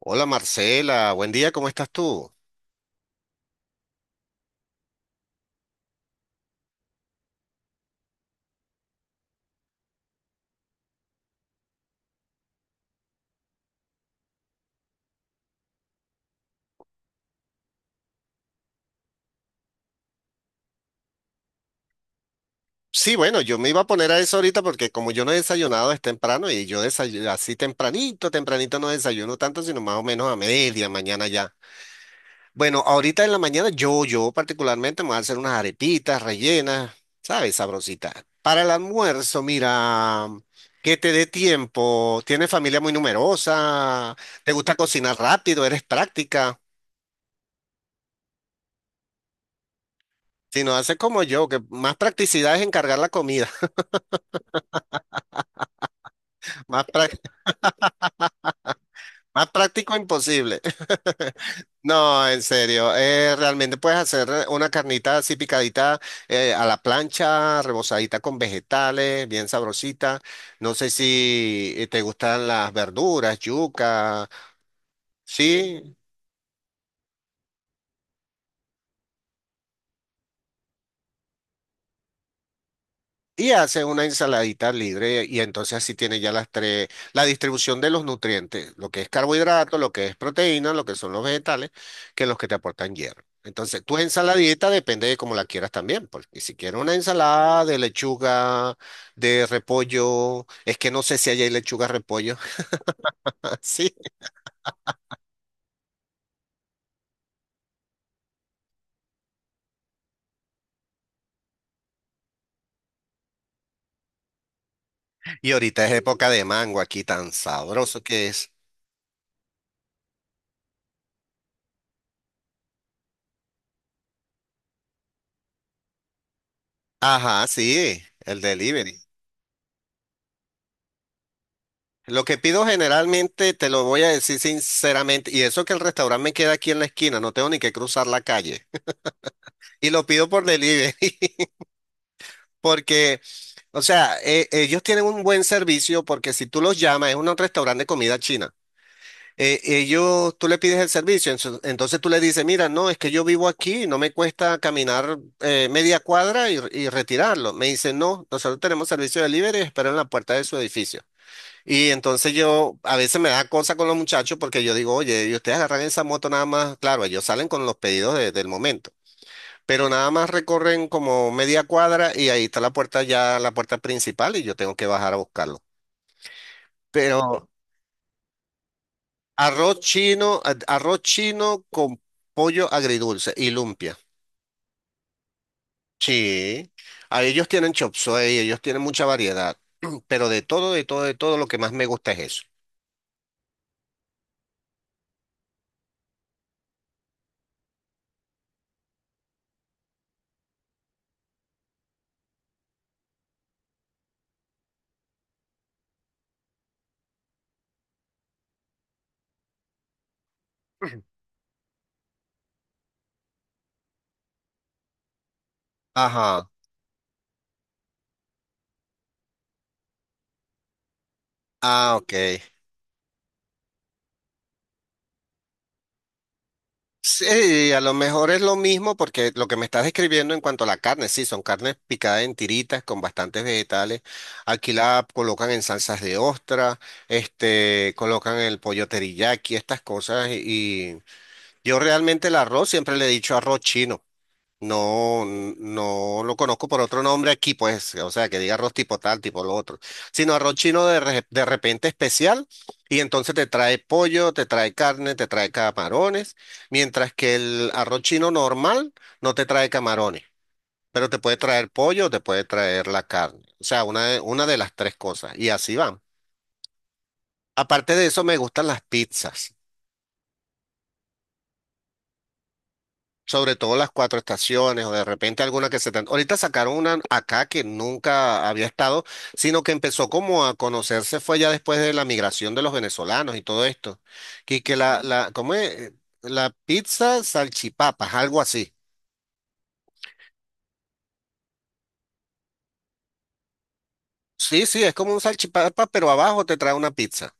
Hola Marcela, buen día, ¿cómo estás tú? Sí, bueno, yo me iba a poner a eso ahorita porque como yo no he desayunado es temprano y yo desayuno así tempranito, tempranito no desayuno tanto, sino más o menos a media mañana ya. Bueno, ahorita en la mañana yo particularmente me voy a hacer unas arepitas rellenas, ¿sabes? Sabrositas. Para el almuerzo, mira, que te dé tiempo, tienes familia muy numerosa, te gusta cocinar rápido, eres práctica. Si no haces como yo, que más practicidad es encargar la comida. Más pra- Más práctico imposible. No, en serio. Realmente puedes hacer una carnita así picadita a la plancha, rebozadita con vegetales, bien sabrosita. No sé si te gustan las verduras, yuca. Sí, y hace una ensaladita libre y entonces así tiene ya las tres, la distribución de los nutrientes, lo que es carbohidrato, lo que es proteína, lo que son los vegetales, que los que te aportan hierro. Entonces, tu ensaladita depende de cómo la quieras también, porque si quieres una ensalada de lechuga, de repollo, es que no sé si allá hay lechuga repollo, sí. Y ahorita es época de mango aquí, tan sabroso que es. Ajá, sí, el delivery. Lo que pido generalmente, te lo voy a decir sinceramente, y eso que el restaurante me queda aquí en la esquina, no tengo ni que cruzar la calle. Y lo pido por delivery, porque, o sea, ellos tienen un buen servicio, porque si tú los llamas, es un restaurante de comida china. Ellos, tú le pides el servicio, entonces tú le dices, mira, no, es que yo vivo aquí, no me cuesta caminar media cuadra y retirarlo. Me dicen, no, nosotros tenemos servicio de delivery, espero en la puerta de su edificio. Y entonces yo a veces me da cosa con los muchachos porque yo digo, oye, y ustedes agarran esa moto nada más, claro, ellos salen con los pedidos del momento, pero nada más recorren como media cuadra y ahí está la puerta ya, la puerta principal y yo tengo que bajar a buscarlo. Pero arroz chino, arroz chino con pollo agridulce y lumpia. Sí, a ellos tienen chop suey, ellos tienen mucha variedad, pero de todo, de todo, de todo, lo que más me gusta es eso. Ajá. Ah, ok. Sí, a lo mejor es lo mismo porque lo que me estás describiendo en cuanto a la carne, sí, son carnes picadas en tiritas con bastantes vegetales. Aquí la colocan en salsas de ostra, este, colocan el pollo teriyaki, estas cosas. Y yo realmente el arroz siempre le he dicho arroz chino. No, no lo conozco por otro nombre aquí, pues, o sea, que diga arroz tipo tal, tipo lo otro, sino arroz chino de, de repente especial, y entonces te trae pollo, te trae carne, te trae camarones, mientras que el arroz chino normal no te trae camarones, pero te puede traer pollo, te puede traer la carne, o sea, una de las tres cosas, y así van. Aparte de eso, me gustan las pizzas. Sobre todo las cuatro estaciones o de repente alguna que se... Ahorita sacaron una acá que nunca había estado, sino que empezó como a conocerse fue ya después de la migración de los venezolanos y todo esto. Que la, ¿cómo es? La pizza salchipapas, algo así. Sí, sí, es como un salchipapa, pero abajo te trae una pizza.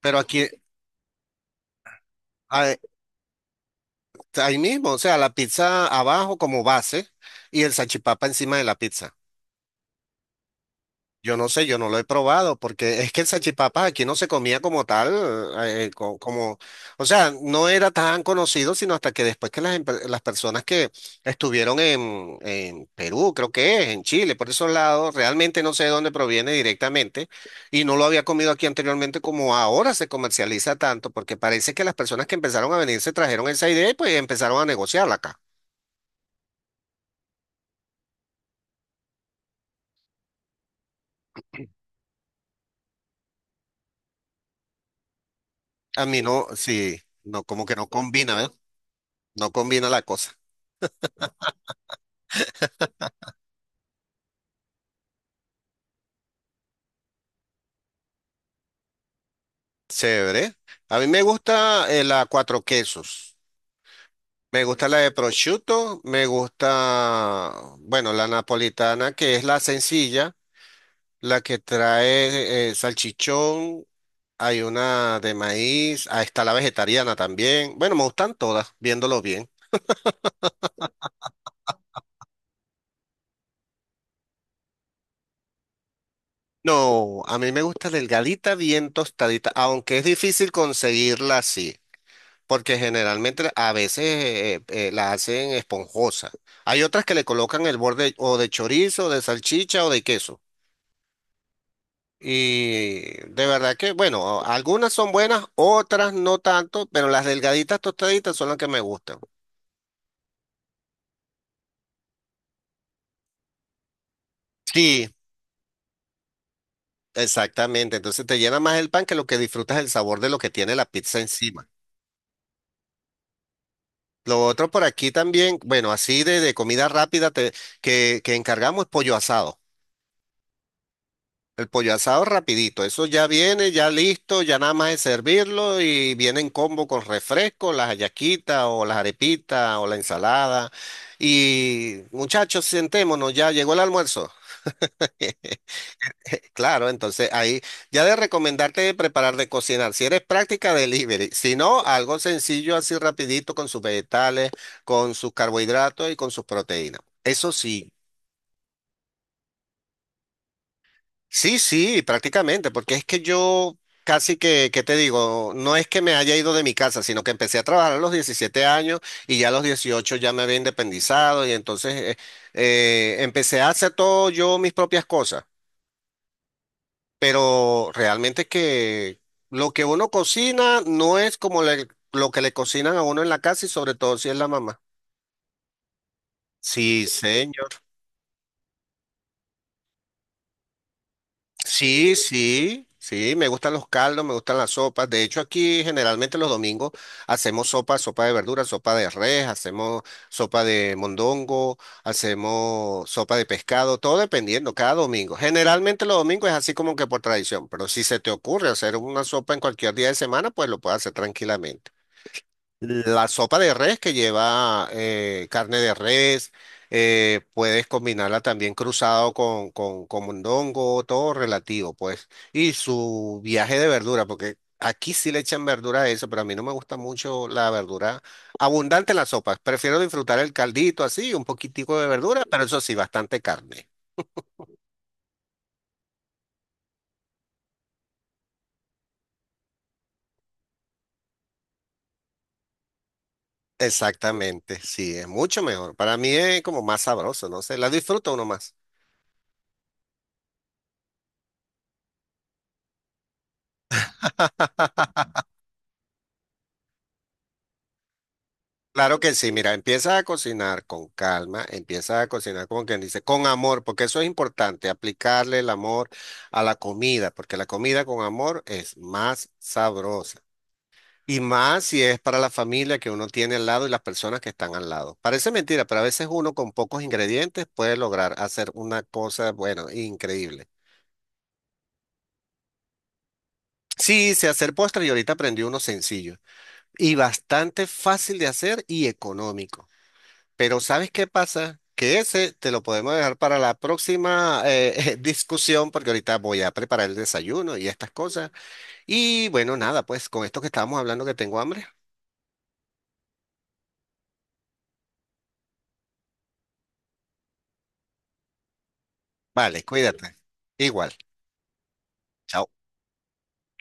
Pero aquí, a- ahí mismo, o sea, la pizza abajo como base y el salchipapa encima de la pizza. Yo no sé, yo no lo he probado, porque es que el salchipapa aquí no se comía como tal, como, o sea, no era tan conocido, sino hasta que después que las, las personas que estuvieron en Perú, creo que es, en Chile, por esos lados, realmente no sé de dónde proviene directamente, y no lo había comido aquí anteriormente como ahora se comercializa tanto, porque parece que las personas que empezaron a venir se trajeron esa idea y pues empezaron a negociarla acá. A mí no, sí, no, como que no combina, ¿ves? No combina la cosa. Chévere. A mí me gusta la cuatro quesos. Me gusta la de prosciutto, me gusta, bueno, la napolitana, que es la sencilla, la que trae salchichón, hay una de maíz, ahí está la vegetariana también. Bueno, me gustan todas, viéndolo bien. No, a mí me gusta delgadita, bien tostadita, aunque es difícil conseguirla así. Porque generalmente a veces la hacen esponjosa. Hay otras que le colocan el borde o de chorizo, de salchicha o de queso. Y de verdad que, bueno, algunas son buenas, otras no tanto, pero las delgaditas tostaditas son las que me gustan. Sí, exactamente. Entonces te llena más el pan que lo que disfrutas el sabor de lo que tiene la pizza encima. Lo otro por aquí también, bueno, así de comida rápida que encargamos es pollo asado. El pollo asado rapidito, eso ya viene, ya listo, ya nada más es servirlo y viene en combo con refresco, las hallaquitas o las arepitas o la ensalada. Y muchachos, sentémonos, ya llegó el almuerzo. Claro, entonces ahí ya de recomendarte de preparar, de cocinar. Si eres práctica, delivery. Si no, algo sencillo así rapidito con sus vegetales, con sus carbohidratos y con sus proteínas. Eso sí. Sí, sí, prácticamente, porque es que yo casi que, ¿qué te digo? No es que me haya ido de mi casa, sino que empecé a trabajar a los 17 años y ya a los 18 ya me había independizado y entonces empecé a hacer todo yo mis propias cosas, pero realmente que lo que uno cocina no es como lo que le cocinan a uno en la casa y sobre todo si es la mamá. Sí, señor. Sí, sí, sí, me gustan los caldos, me gustan las sopas. De hecho, aquí generalmente los domingos hacemos sopa, sopa de verduras, sopa de res, hacemos sopa de mondongo, hacemos sopa de pescado, todo dependiendo, cada domingo. Generalmente los domingos es así como que por tradición, pero si se te ocurre hacer una sopa en cualquier día de semana, pues lo puedes hacer tranquilamente. La sopa de res que lleva carne de res, puedes combinarla también cruzado con mondongo, todo relativo, pues. Y su viaje de verdura, porque aquí sí le echan verdura a eso, pero a mí no me gusta mucho la verdura abundante en las sopas. Prefiero disfrutar el caldito así, un poquitico de verdura, pero eso sí, bastante carne. Exactamente, sí, es mucho mejor. Para mí es como más sabroso, no sé, la disfruta uno más. Claro que sí, mira, empieza a cocinar con calma, empieza a cocinar como quien dice, con amor, porque eso es importante, aplicarle el amor a la comida, porque la comida con amor es más sabrosa. Y más si es para la familia que uno tiene al lado y las personas que están al lado. Parece mentira, pero a veces uno con pocos ingredientes puede lograr hacer una cosa, bueno, increíble. Sí, sé hacer postre y ahorita aprendí uno sencillo y bastante fácil de hacer y económico. Pero ¿sabes qué pasa? Que ese te lo podemos dejar para la próxima discusión porque ahorita voy a preparar el desayuno y estas cosas. Y bueno, nada, pues con esto que estábamos hablando que tengo hambre. Vale, cuídate. Igual. Chao.